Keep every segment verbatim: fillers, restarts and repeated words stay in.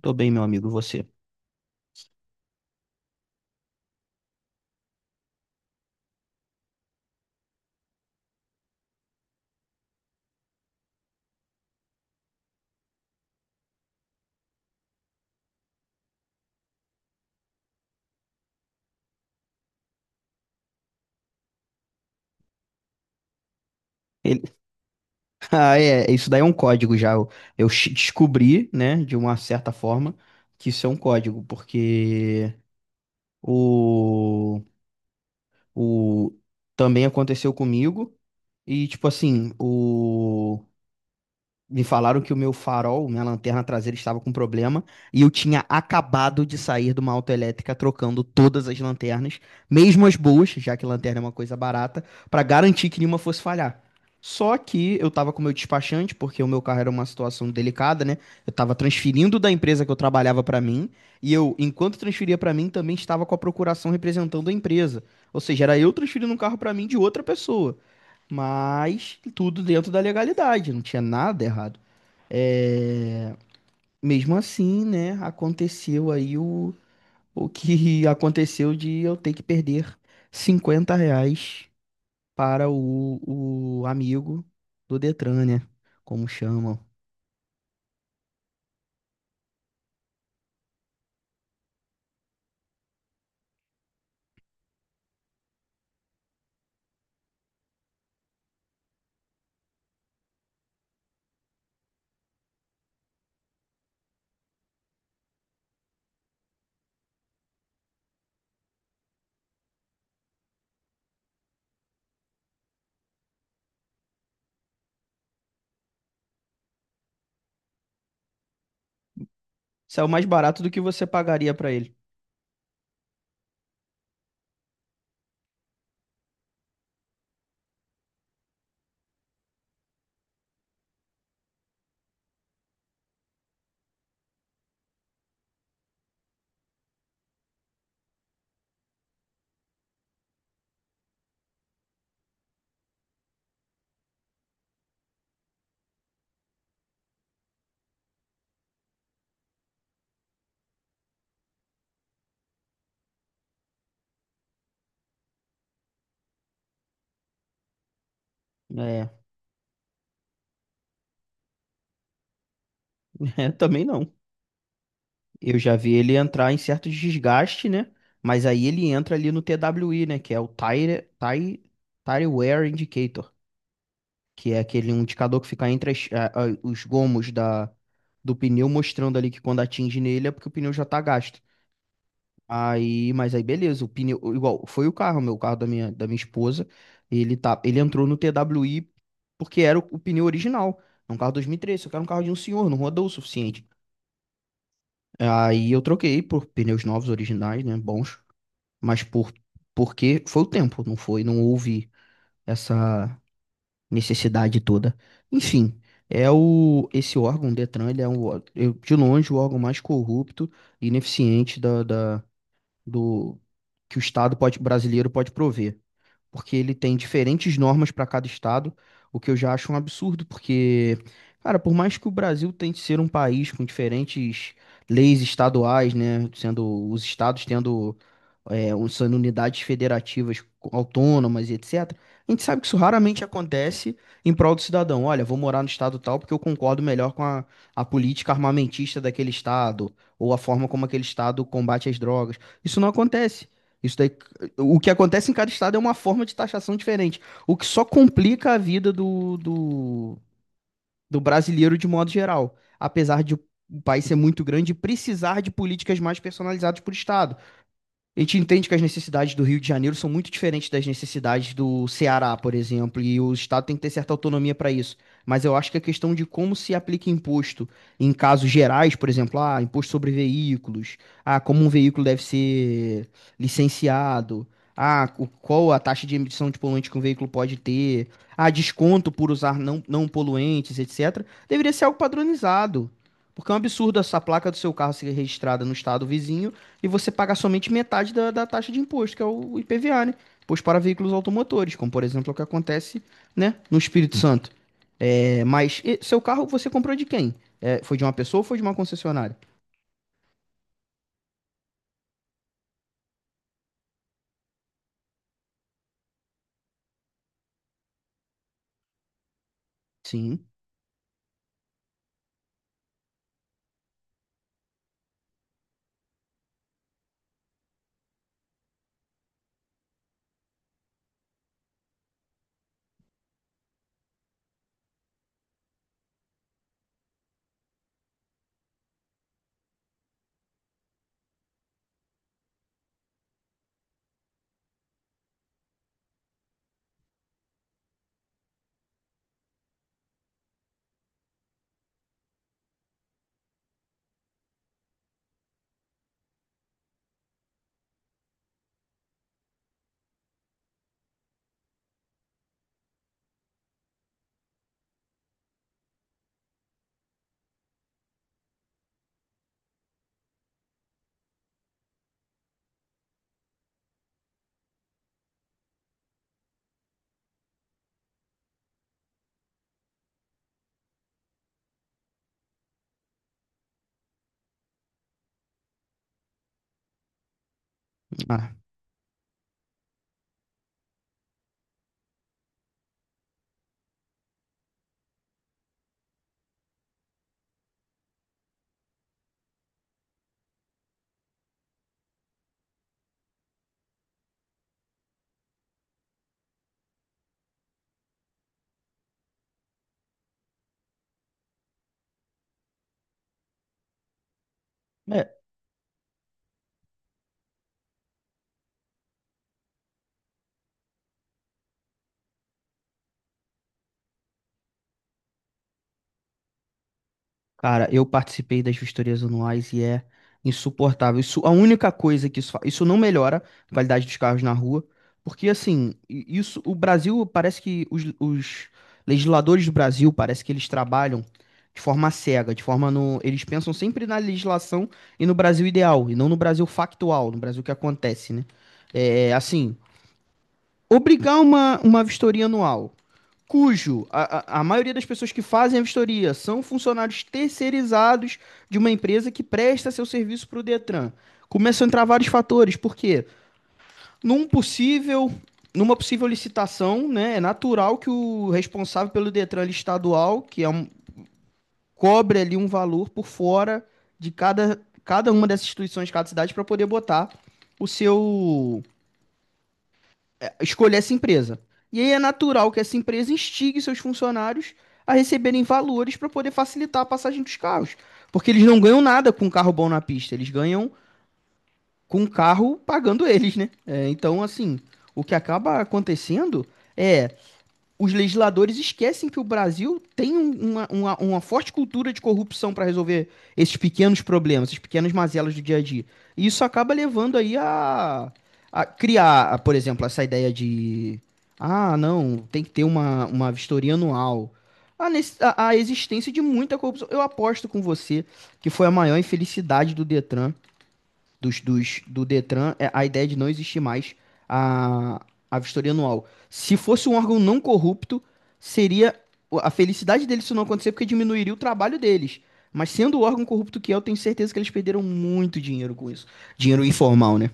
Tô bem, meu amigo, você. Ele... Ah, é, isso daí é um código já. Eu, eu chi- descobri, né, de uma certa forma, que isso é um código, porque o, o também aconteceu comigo e tipo assim, o. Me falaram que o meu farol, minha lanterna traseira estava com problema e eu tinha acabado de sair de uma autoelétrica trocando todas as lanternas, mesmo as boas, já que lanterna é uma coisa barata, para garantir que nenhuma fosse falhar. Só que eu estava com o meu despachante, porque o meu carro era uma situação delicada, né? Eu estava transferindo da empresa que eu trabalhava para mim e eu, enquanto transferia para mim, também estava com a procuração representando a empresa. Ou seja, era eu transferindo um carro para mim de outra pessoa. Mas tudo dentro da legalidade, não tinha nada errado. É, mesmo assim, né, aconteceu aí o, o que aconteceu de eu ter que perder cinquenta reais para o, o amigo do Detran, né, como chamam. Saiu mais barato do que você pagaria para ele. É, é, também não. Eu já vi ele entrar em certo desgaste, né, mas aí ele entra ali no T W I, né, que é o Tire, Tire, Tire Wear Indicator, que é aquele um indicador que fica entre as- a- a- os gomos da, do pneu, mostrando ali que quando atinge nele é porque o pneu já tá gasto. Aí, mas aí beleza, o pneu, igual, foi o carro, meu o carro da minha, da minha esposa, ele tá, ele entrou no T W I porque era o, o pneu original, é um carro dois mil e treze, só que era um carro de um senhor, não rodou o suficiente. Aí eu troquei por pneus novos, originais, né, bons, mas por, porque foi o tempo, não foi, não houve essa necessidade toda. Enfim, é o esse órgão, o Detran, ele é um, ó- eu- de longe o órgão mais corrupto e ineficiente da, da- do que o Estado pode, brasileiro pode prover, porque ele tem diferentes normas para cada estado, o que eu já acho um absurdo, porque, cara, por mais que o Brasil tente ser um país com diferentes leis estaduais, né, sendo os estados tendo é, um- sendo unidades federativas autônomas e etecétera. A gente sabe que isso raramente acontece em prol do cidadão. Olha, vou morar no estado tal porque eu concordo melhor com a, a política armamentista daquele estado, ou a forma como aquele estado combate as drogas. Isso não acontece. Isso daí, o que acontece em cada estado é uma forma de taxação diferente, o que só complica a vida do, do, do brasileiro de modo geral, apesar de o país ser muito grande e precisar de políticas mais personalizadas por estado. A gente entende que as necessidades do Rio de Janeiro são muito diferentes das necessidades do Ceará, por exemplo, e o Estado tem que ter certa autonomia para isso. Mas eu acho que a questão de como se aplica imposto em casos gerais, por exemplo, ah, imposto sobre veículos, ah, como um veículo deve ser licenciado, ah, co- qual a taxa de emissão de poluente que um veículo pode ter, ah, desconto por usar não, não poluentes, etecétera, deveria ser algo padronizado. Porque é um absurdo essa placa do seu carro ser registrada no estado vizinho e você paga somente metade da, da taxa de imposto, que é o I P V A, né? Imposto para veículos automotores, como por exemplo é o que acontece, né, no Espírito Santo. É, mas e, seu carro você comprou de quem? É, foi de uma pessoa ou foi de uma concessionária? Sim. Ah, é. Cara, eu participei das vistorias anuais e é insuportável. Isso, a única coisa que isso, fa- isso não melhora a qualidade dos carros na rua, porque assim, i- isso, o Brasil parece que os, os legisladores do Brasil parece que eles trabalham de forma cega, de forma no, eles pensam sempre na legislação e no Brasil ideal, e não no Brasil factual, no Brasil que acontece, né? É, assim, obrigar uma, uma vistoria anual cujo a, a, maioria das pessoas que fazem a vistoria são funcionários terceirizados de uma empresa que presta seu serviço para o Detran. Começam a entrar vários fatores, porque num possível, numa possível licitação, né, é natural que o responsável pelo Detran estadual, que é um, cobre ali um valor por fora de cada, cada uma dessas instituições, de cada cidade, para poder botar o seu escolher essa empresa. E aí é natural que essa empresa instigue seus funcionários a receberem valores para poder facilitar a passagem dos carros. Porque eles não ganham nada com um carro bom na pista, eles ganham com o carro pagando eles, né? É, então, assim, o que acaba acontecendo é os legisladores esquecem que o Brasil tem um, uma, uma, uma forte cultura de corrupção para resolver esses pequenos problemas, essas pequenas mazelas do dia a dia. E isso acaba levando aí a, a criar, por exemplo, essa ideia de ah, não, tem que ter uma, uma vistoria anual. A, nesse- a- a existência de muita corrupção. Eu aposto com você que foi a maior infelicidade do Detran dos, dos, do Detran é a ideia de não existir mais a, a vistoria anual. Se fosse um órgão não corrupto, seria a felicidade deles se não acontecer, porque diminuiria o trabalho deles. Mas sendo o órgão corrupto que é, eu tenho certeza que eles perderam muito dinheiro com isso. Dinheiro informal, né?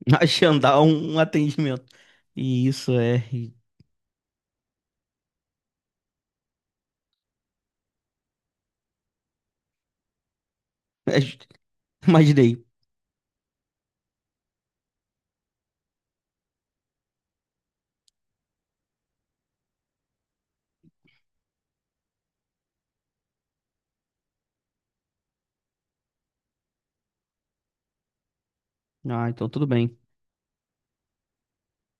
Agendar um, um atendimento. E isso é. É, imaginei. Ah, então tudo bem.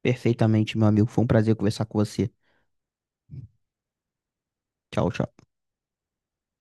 Perfeitamente, meu amigo. Foi um prazer conversar com você. Tchau, tchau.